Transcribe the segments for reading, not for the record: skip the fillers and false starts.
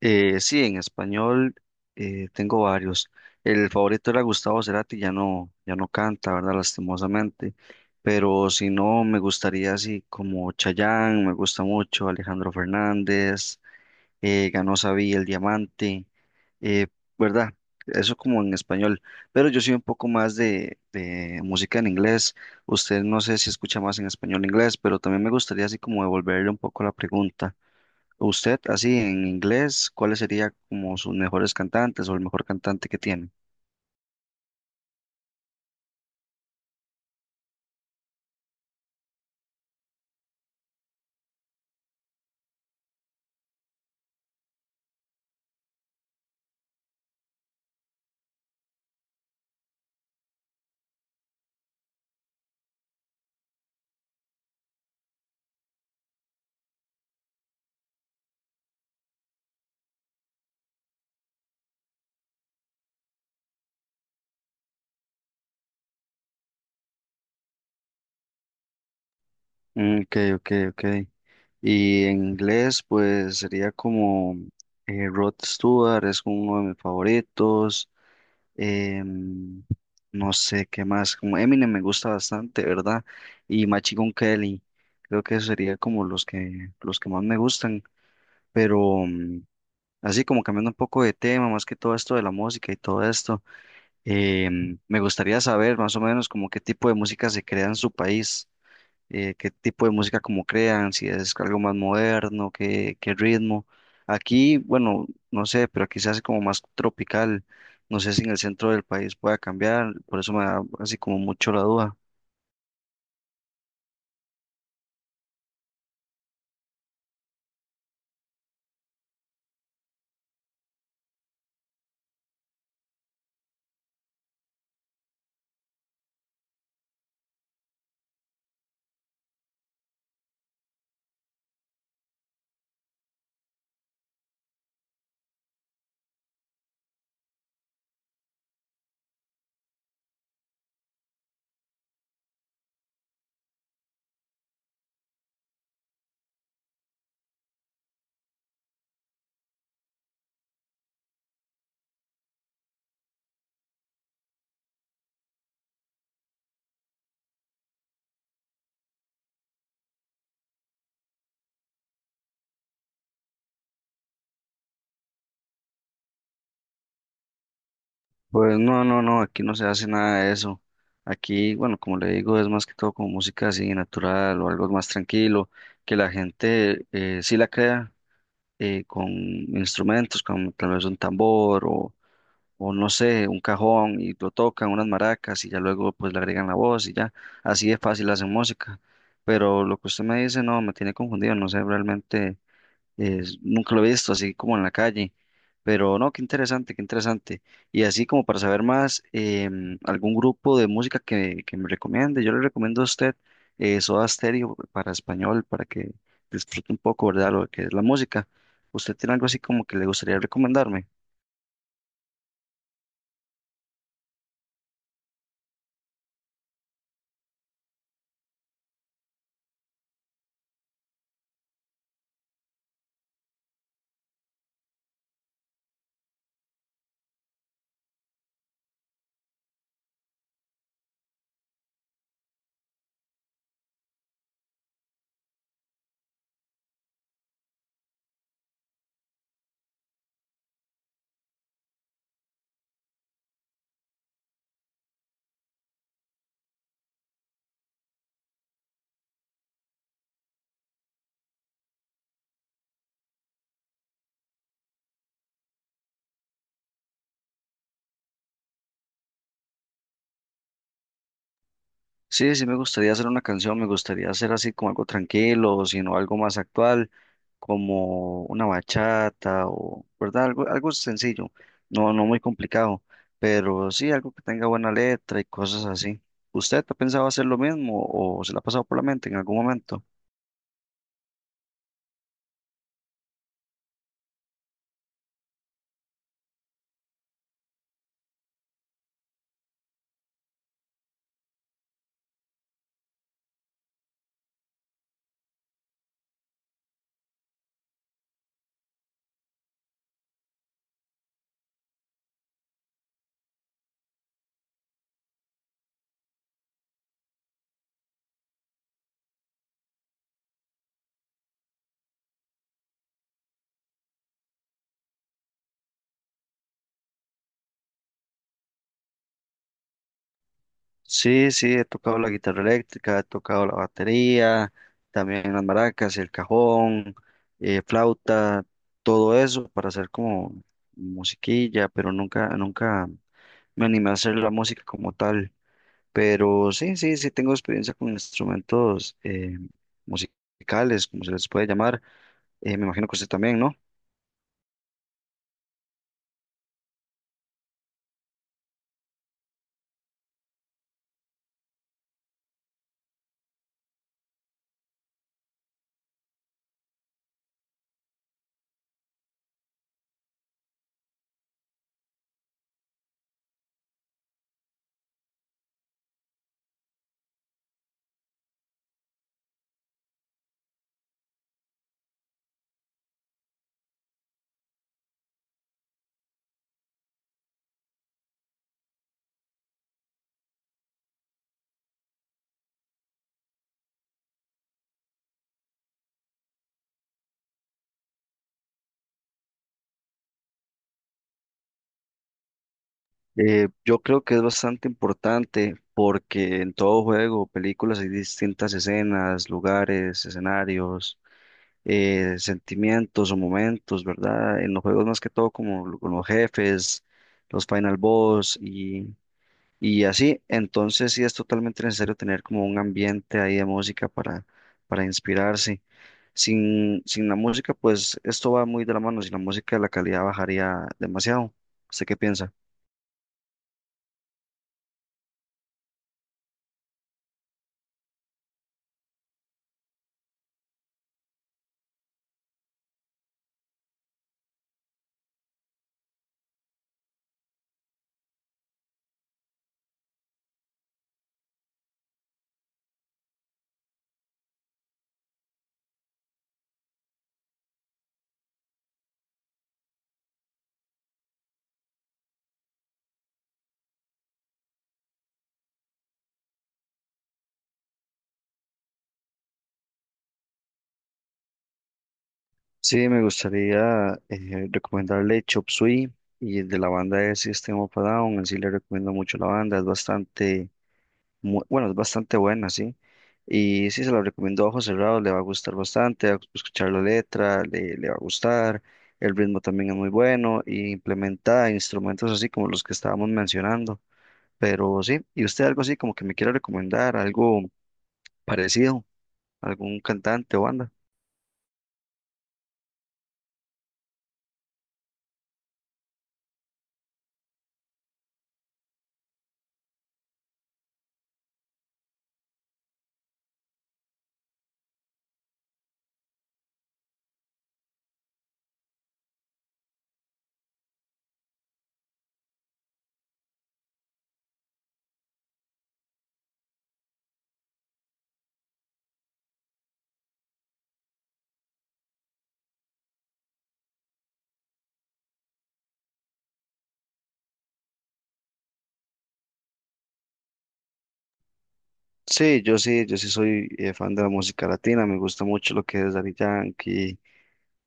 Sí, en español tengo varios. El favorito era Gustavo Cerati, ya no canta, ¿verdad? Lastimosamente. Pero si no, me gustaría así como Chayanne, me gusta mucho, Alejandro Fernández, ganó Sabí el Diamante, eh, ¿verdad? Eso como en español. Pero yo soy un poco más de música en inglés. Usted no sé si escucha más en español o inglés, pero también me gustaría así como devolverle un poco la pregunta. Usted, así en inglés, ¿cuáles serían como sus mejores cantantes o el mejor cantante que tiene? Mm, ok, ok, ok. Y en inglés, pues sería como Rod Stewart, es uno de mis favoritos. em, no sé qué más, como Eminem me gusta bastante, ¿verdad? Y Machine Gun Kelly, creo que eso sería como los que más me gustan. Pero así como cambiando un poco de tema, más que todo esto de la música y todo esto. Me gustaría saber más o menos como qué tipo de música se crea en su país, qué tipo de música como crean, si es algo más moderno, qué ritmo. Aquí, bueno, no sé, pero aquí se hace como más tropical. No sé si en el centro del país pueda cambiar, por eso me da así como mucho la duda. Pues no, aquí no se hace nada de eso. Aquí, bueno, como le digo, es más que todo como música así natural o algo más tranquilo, que la gente sí la crea con instrumentos, como tal vez un tambor o no sé, un cajón y lo tocan, unas maracas y ya luego pues le agregan la voz y ya, así de fácil hacen música. Pero lo que usted me dice, no, me tiene confundido, no sé realmente nunca lo he visto así como en la calle, pero no, qué interesante, qué interesante. Y así como para saber más, algún grupo de música que me recomiende, yo le recomiendo a usted Soda Stereo para español, para que disfrute un poco, ¿verdad? Lo que es la música. ¿Usted tiene algo así como que le gustaría recomendarme? Sí, sí me gustaría hacer una canción, me gustaría hacer así como algo tranquilo, sino algo más actual, como una bachata ¿verdad? Algo, algo sencillo, no, no muy complicado, pero sí algo que tenga buena letra y cosas así. ¿Usted ha pensado hacer lo mismo o se le ha pasado por la mente en algún momento? Sí, sí, he tocado la guitarra eléctrica, he tocado la batería, también las maracas, el cajón, flauta, todo eso para hacer como musiquilla, pero nunca me animé a hacer la música como tal. Pero sí tengo experiencia con instrumentos musicales, como se les puede llamar. Me imagino que usted también, ¿no? Yo creo que es bastante importante porque en todo juego, películas hay distintas escenas, lugares, escenarios sentimientos o momentos, ¿verdad? En los juegos más que todo como con los jefes, los final boss y así. Entonces sí es totalmente necesario tener como un ambiente ahí de música para inspirarse. Sin la música, pues esto va muy de la mano. Sin la música la calidad bajaría demasiado. ¿Usted qué piensa? Sí, me gustaría recomendarle Chop Suey y de la banda de System of a Down. En sí le recomiendo mucho la banda, es bastante bueno, es bastante buena, sí. Y sí, se la recomiendo a ojos cerrados, le va a gustar bastante, escuchar la letra, le va a gustar, el ritmo también es muy bueno y implementa instrumentos así como los que estábamos mencionando. Pero sí, ¿y usted algo así como que me quiera recomendar, algo parecido, algún cantante o banda? Sí, yo sí, yo sí soy fan de la música latina, me gusta mucho lo que es Daddy Yankee,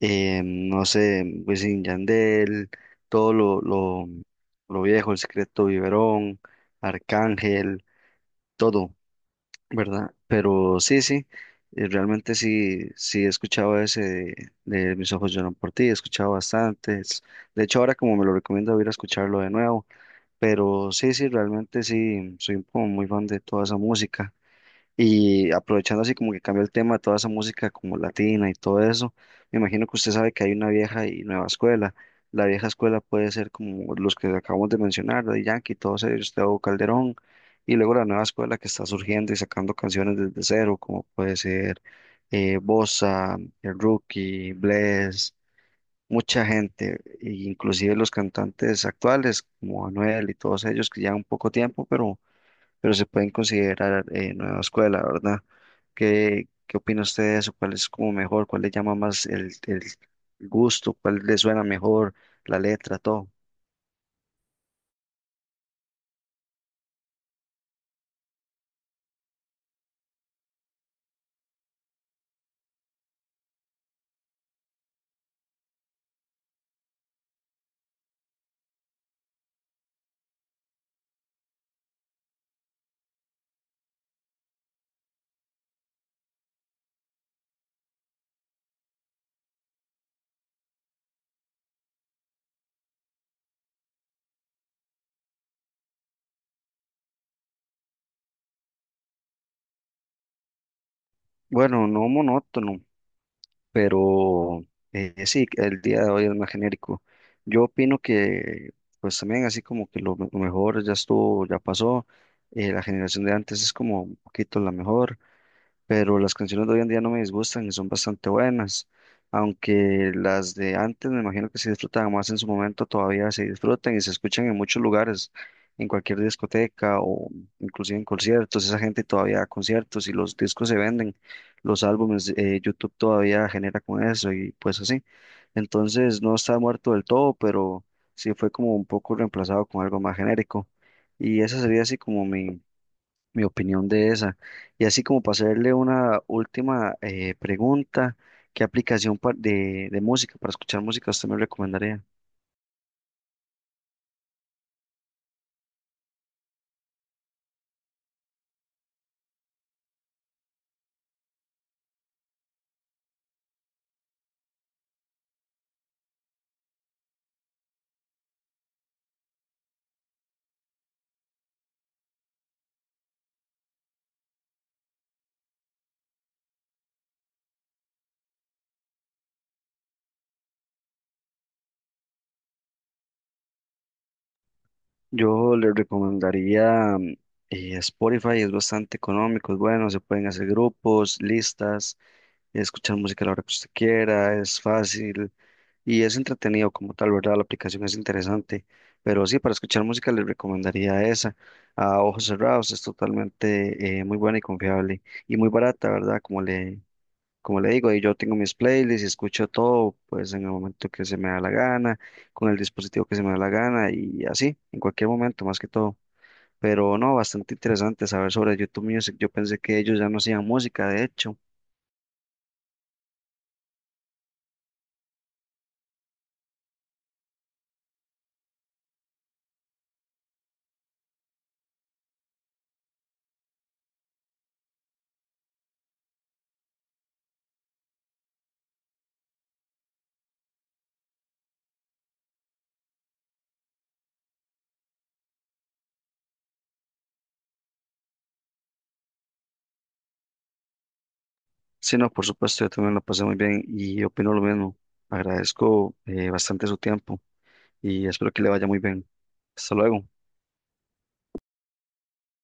no sé, Wisin y Yandel, todo lo, lo, lo viejo, El Secreto Viverón Arcángel, todo, ¿verdad? Pero realmente sí he escuchado ese de Mis ojos lloran por ti, he escuchado bastantes. De hecho, ahora como me lo recomiendo, voy a ir a escucharlo de nuevo. Pero realmente sí, soy como muy fan de toda esa música. Y aprovechando así como que cambió el tema de toda esa música como latina y todo eso, me imagino que usted sabe que hay una vieja y nueva escuela. La vieja escuela puede ser como los que acabamos de mencionar, Daddy Yankee, todos ellos, Teo Calderón, y luego la nueva escuela que está surgiendo y sacando canciones desde cero, como puede ser Bossa, el Rookie, Bless, mucha gente, e inclusive los cantantes actuales como Anuel y todos ellos que llevan poco tiempo, pero se pueden considerar nueva escuela, ¿verdad? ¿Qué, qué opina usted de eso? ¿Cuál es como mejor? ¿Cuál le llama más el gusto? ¿Cuál le suena mejor? La letra, todo. Bueno, no monótono, pero sí, el día de hoy es más genérico. Yo opino que, pues también así como lo mejor ya estuvo, ya pasó. Eh, la generación de antes es como un poquito la mejor. Pero las canciones de hoy en día no me disgustan y son bastante buenas, aunque las de antes me imagino que se disfrutaban más en su momento, todavía se disfrutan y se escuchan en muchos lugares, en cualquier discoteca o inclusive en conciertos, esa gente todavía da conciertos y los discos se venden, los álbumes, YouTube todavía genera con eso y pues así. Entonces no está muerto del todo, pero sí fue como un poco reemplazado con algo más genérico. Y esa sería así como mi opinión de esa. Y así como para hacerle una última pregunta, ¿qué aplicación de música, para escuchar música, usted me recomendaría? Yo le recomendaría Spotify, es bastante económico, es bueno, se pueden hacer grupos, listas, escuchar música a la hora que usted quiera, es fácil. Y es entretenido como tal, ¿verdad? La aplicación es interesante, pero sí, para escuchar música les recomendaría esa. A ojos cerrados es totalmente muy buena y confiable y muy barata, ¿verdad? Como le digo, y yo tengo mis playlists y escucho todo, pues en el momento que se me da la gana, con el dispositivo que se me da la gana y así, en cualquier momento, más que todo. Pero no, bastante interesante saber sobre YouTube Music. Yo pensé que ellos ya no hacían música, de hecho. Sí, no, por supuesto, yo también lo pasé muy bien y opino lo mismo. Agradezco bastante su tiempo y espero que le vaya muy bien. Hasta luego.